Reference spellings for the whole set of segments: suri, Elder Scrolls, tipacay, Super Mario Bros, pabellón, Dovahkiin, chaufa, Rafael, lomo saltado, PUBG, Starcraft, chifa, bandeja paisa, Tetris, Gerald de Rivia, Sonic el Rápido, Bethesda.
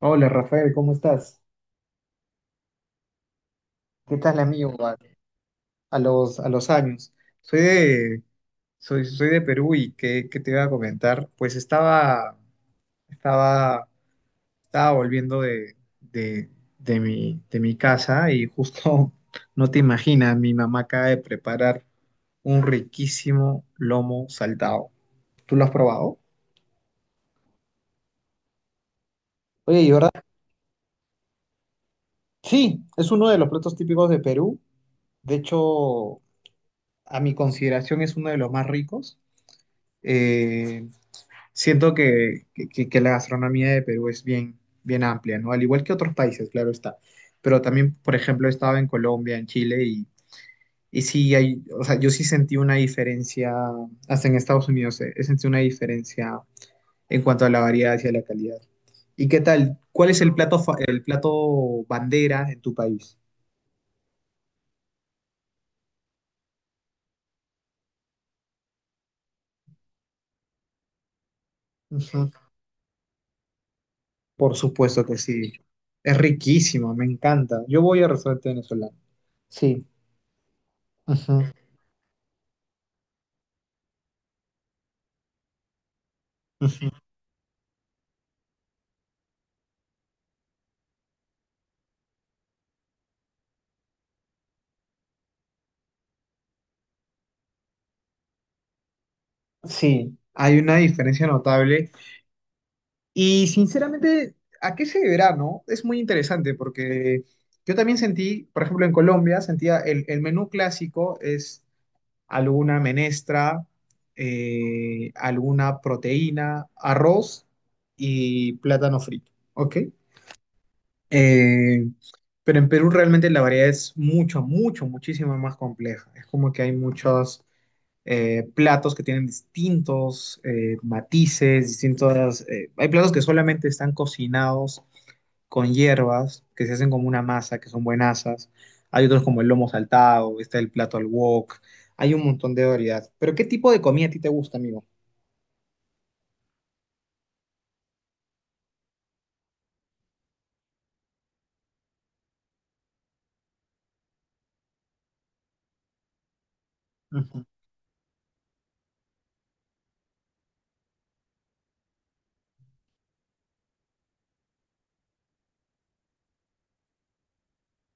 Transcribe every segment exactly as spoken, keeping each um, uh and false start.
Hola Rafael, ¿cómo estás? ¿Qué tal amigo? A, a los, a los años. Soy de, soy, soy de Perú. Y ¿qué, Qué te iba a comentar? Pues estaba, estaba, estaba volviendo de, de, de mi, de mi casa y justo, no te imaginas, mi mamá acaba de preparar un riquísimo lomo saltado. ¿Tú lo has probado? Oye, ¿y verdad? Sí, es uno de los platos típicos de Perú. De hecho, a mi consideración es uno de los más ricos. Eh, Siento que, que- que la gastronomía de Perú es bien, bien amplia, ¿no? Al igual que otros países, claro está. Pero también, por ejemplo, he estado en Colombia, en Chile, y, y sí hay, o sea, yo sí sentí una diferencia, hasta en Estados Unidos, eh, he sentido una diferencia en cuanto a la variedad y a la calidad. ¿Y qué tal? ¿Cuál es el plato, fa- el plato bandera en tu país? Ujú. Por supuesto que sí. Es riquísimo, me encanta. Yo voy a restaurante venezolano. Sí. Ujú. Sí, hay una diferencia notable. Y sinceramente, ¿a qué se deberá, no? Es muy interesante porque yo también sentí, por ejemplo, en Colombia, sentía el, el menú clásico es alguna menestra, eh, alguna proteína, arroz y plátano frito, ¿ok? Eh, pero en Perú realmente la variedad es mucho, mucho, muchísimo más compleja. Es como que hay muchos eh, platos que tienen distintos eh, matices, distintos... Eh, hay platos que solamente están cocinados con hierbas, que se hacen como una masa, que son buenasas. Hay otros como el lomo saltado, está el plato al wok. Hay un montón de variedad. Pero ¿qué tipo de comida a ti te gusta, amigo? Ujú.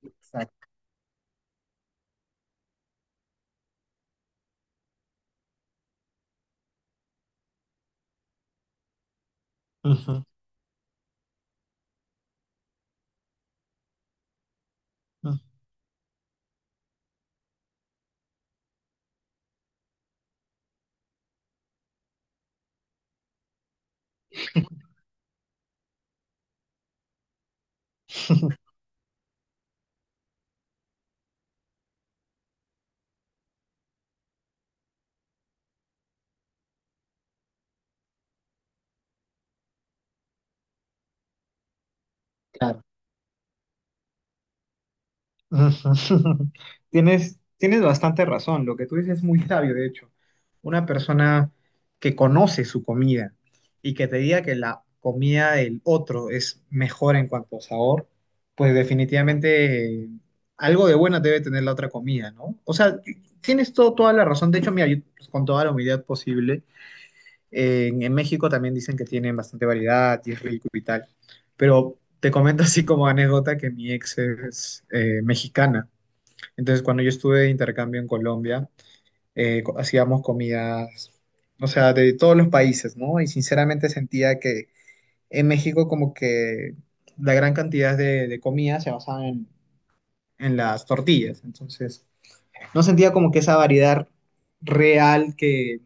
Exacto. Ujú, ujú. Claro. Ujú. Tienes, tienes bastante razón, lo que tú dices es muy sabio, de hecho. Una persona que conoce su comida y que te diga que la comida del otro es mejor en cuanto a sabor, pues definitivamente eh, algo de bueno debe tener la otra comida, ¿no? O sea, tienes todo, toda la razón. De hecho, mira, yo, pues, con toda la humildad posible, eh, en, en México también dicen que tienen bastante variedad y es rico y tal. Pero te comento así como anécdota que mi ex es eh, mexicana. Entonces, cuando yo estuve de intercambio en Colombia, eh, co- hacíamos comidas, o sea, de todos los países, ¿no? Y sinceramente sentía que en México como que la gran cantidad de, de comidas se basaban en, en las tortillas. Entonces, no sentía como que esa variedad real que,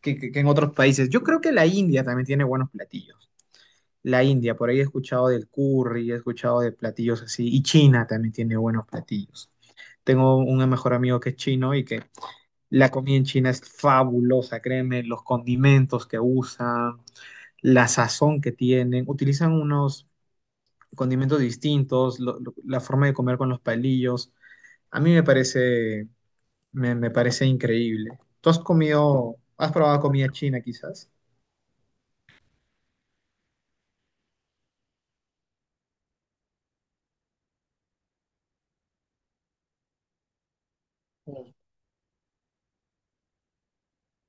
que, que- que en otros países. Yo creo que la India también tiene buenos platillos. La India, por ahí he escuchado del curry, he escuchado de platillos así, y China también tiene buenos platillos. Tengo un mejor amigo que es chino y que la comida en China es fabulosa, créeme, los condimentos que usan, la sazón que tienen, utilizan unos condimentos distintos, lo- lo- la forma de comer con los palillos. A mí me parece, me, me parece increíble. ¿Tú has comido, has probado comida china quizás?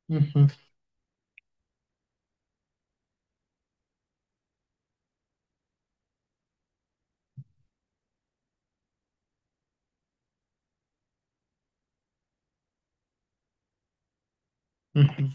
Ujú, ujú.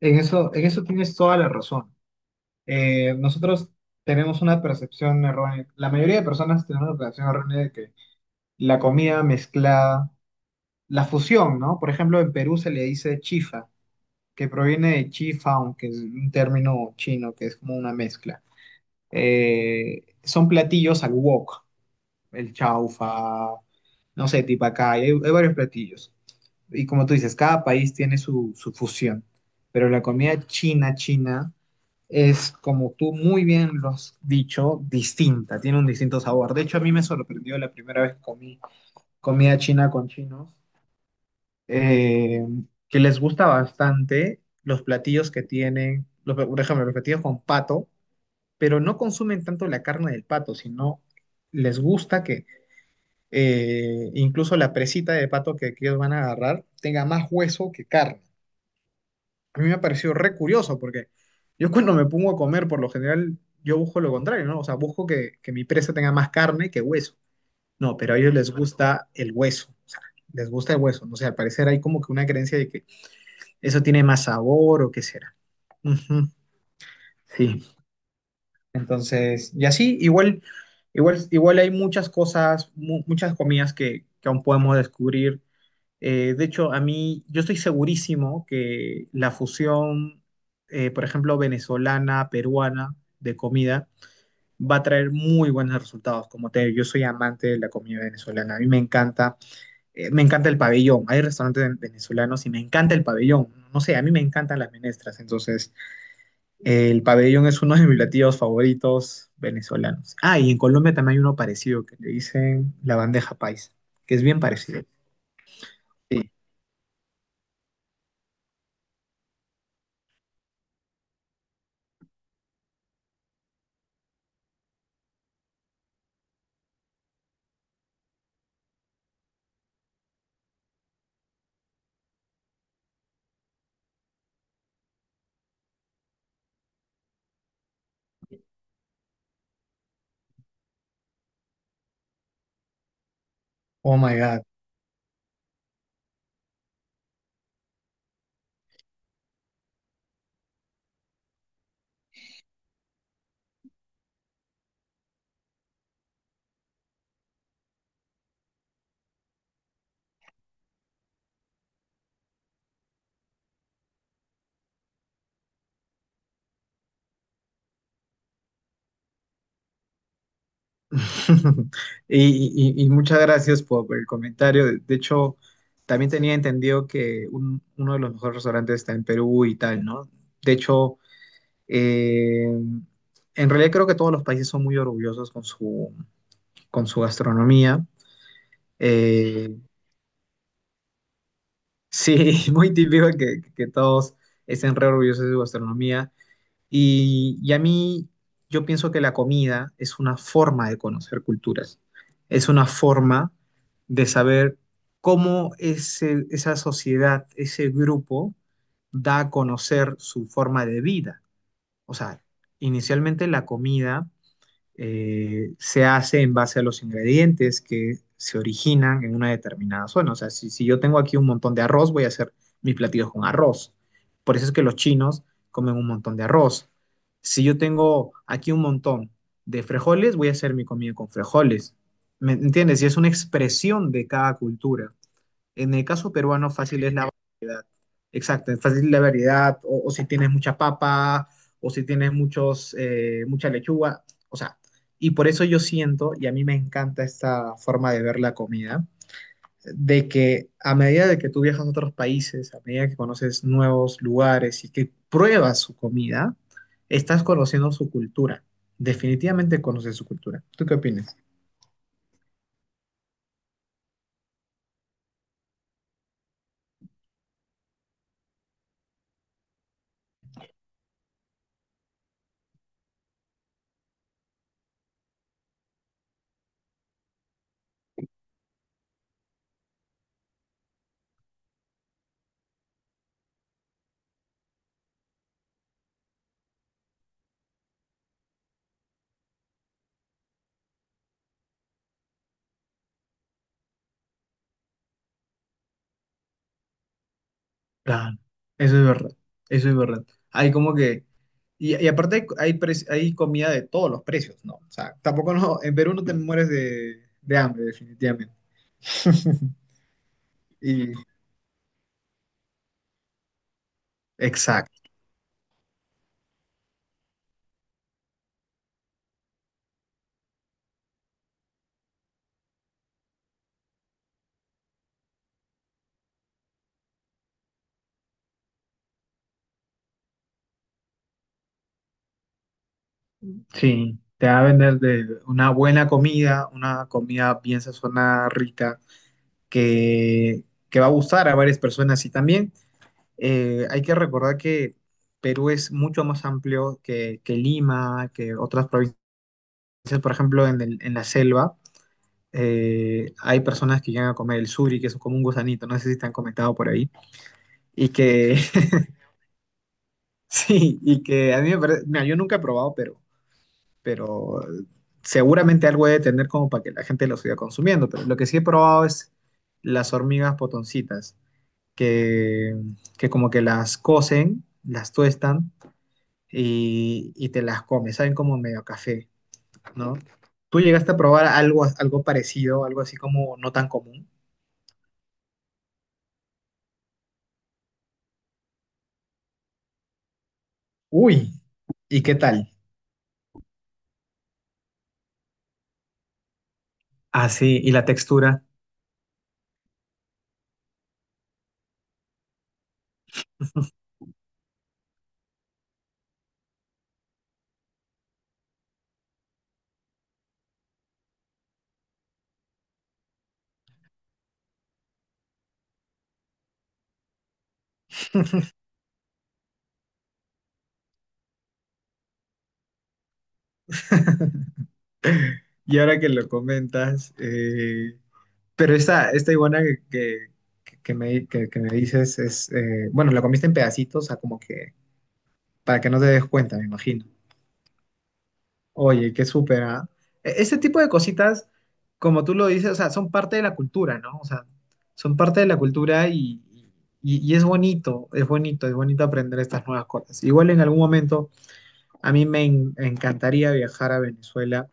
En eso, en eso tienes toda la razón. Eh, nosotros tenemos una percepción errónea, la mayoría de personas tenemos una percepción errónea de que la comida mezclada la fusión, ¿no? Por ejemplo, en Perú se le dice chifa, que proviene de chifa, aunque es un término chino que es como una mezcla. Eh, son platillos al wok, el chaufa, no sé, tipacay, hay, hay varios platillos. Y como tú dices, cada país tiene su, su fusión, pero la comida china, china, es como tú muy bien lo has dicho, distinta, tiene un distinto sabor. De hecho, a mí me sorprendió la primera vez que comí comida china con chinos eh, que les gusta bastante los platillos que tienen, los- por ejemplo, los platillos con pato, pero no consumen tanto la carne del pato, sino les gusta que eh, incluso la presita de pato que, que ellos van a agarrar tenga más hueso que carne. A mí me ha parecido re curioso porque yo cuando me pongo a comer, por lo general, yo busco lo contrario, ¿no? O sea, busco que, que mi presa tenga más carne que hueso. No, pero a ellos les gusta el hueso, o sea, les gusta el hueso. No sé, al parecer hay como que una creencia de que eso tiene más sabor o qué será. Ujú, sí, entonces, y así, igual, igual, igual hay muchas cosas, mu- muchas comidas que, que aún podemos descubrir. Eh, de hecho, a mí, yo estoy segurísimo que la fusión, eh, por ejemplo, venezolana, peruana de comida, va a traer muy buenos resultados. Como te digo, yo soy amante de la comida venezolana, a mí me encanta, eh, me encanta el pabellón. Hay restaurantes venezolanos y me encanta el pabellón. No sé, a mí me encantan las menestras, entonces... El pabellón es uno de mis platillos favoritos venezolanos. Ah, y en Colombia también hay uno parecido que le dicen la bandeja paisa, que es bien parecido. Sí. Oh my God. Y, y- y muchas gracias por, por el comentario. De de hecho, también tenía entendido que un- uno de los mejores restaurantes está en Perú y tal, ¿no? De hecho, eh, en realidad creo que todos los países son muy orgullosos con su, con su gastronomía. Eh, Sí, muy típico que, que todos estén re orgullosos de su gastronomía. Y, y a mí, yo pienso que la comida es una forma de conocer culturas, es una forma de saber cómo ese- esa sociedad, ese grupo, da a conocer su forma de vida. O sea, inicialmente la comida eh, se hace en base a los ingredientes que se originan en una determinada zona. O sea, si, si yo tengo aquí un montón de arroz, voy a hacer mis platillos con arroz. Por eso es que los chinos comen un montón de arroz. Si yo tengo aquí un montón de frijoles, voy a hacer mi comida con frijoles. ¿Me entiendes? Y es una expresión de cada cultura. En el caso peruano, fácil es la exacto, es fácil la variedad, o, o si tienes mucha papa, o si tienes muchos, eh, mucha lechuga, o sea, y por eso yo siento, y a mí me encanta esta forma de ver la comida, de que a medida de que tú viajas a otros países, a medida que conoces nuevos lugares y que pruebas su comida, estás conociendo su cultura, definitivamente conoces su cultura. ¿Tú qué opinas? Claro, eso es verdad, eso es verdad. Hay como que, y, y aparte hay, hay, pre- hay comida de todos los precios, ¿no? O sea, tampoco no, en Perú no te mueres de, de hambre, definitivamente. Y, exacto, sí, te va a vender de una buena comida, una comida bien sazonada, rica, que, que va a gustar a varias personas. Y también eh, hay que recordar que Perú es mucho más amplio que, que Lima, que otras provincias, por ejemplo, en el- en la selva eh, hay personas que llegan a comer el suri, que es como un gusanito, no sé si te han comentado por ahí, y que sí, y que a mí me parece, mira, yo nunca he probado, pero, pero seguramente algo debe tener como para que la gente lo siga consumiendo, pero lo que sí he probado es las hormigas potoncitas, que, que como que las cocen, las tuestan y, y te las comes, saben como medio a café, ¿no? ¿Tú llegaste a probar algo, algo parecido, algo así como no tan común? Uy, ¿y qué tal? Ah, sí, y la textura. Y ahora que lo comentas, eh, pero esta, esta iguana que, que, que me, que, que me dices es, eh, bueno, la comiste en pedacitos, o sea, como que para que no te des cuenta, me imagino. Oye, qué súper, ¿ah? E- Ese tipo de cositas, como tú lo dices, o sea, son parte de la cultura, ¿no? O sea, son parte de la cultura y, y, y es bonito, es bonito, es bonito aprender estas nuevas cosas. Igual en algún momento, a mí me en- encantaría viajar a Venezuela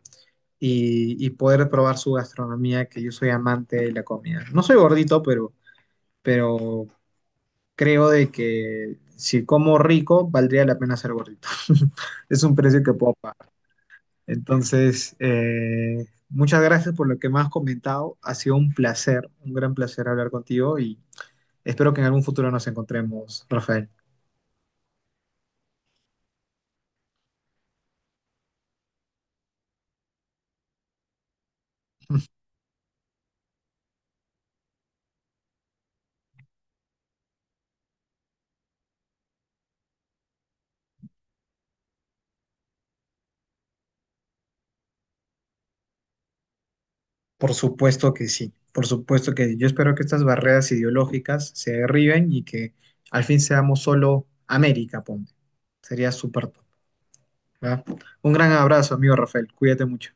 y, y poder probar su gastronomía, que yo soy amante de la comida. No soy gordito, pero, pero creo de que si como rico, valdría la pena ser gordito. Es un precio que puedo pagar. Entonces, eh, muchas gracias por lo que me has comentado. Ha sido un placer, un gran placer hablar contigo y espero que en algún futuro nos encontremos, Rafael. Por supuesto que sí, por supuesto que sí. Yo espero que estas barreras ideológicas se derriben y que al fin seamos solo América, ponte. Sería súper top, ¿verdad? Un gran abrazo, amigo Rafael. Cuídate mucho.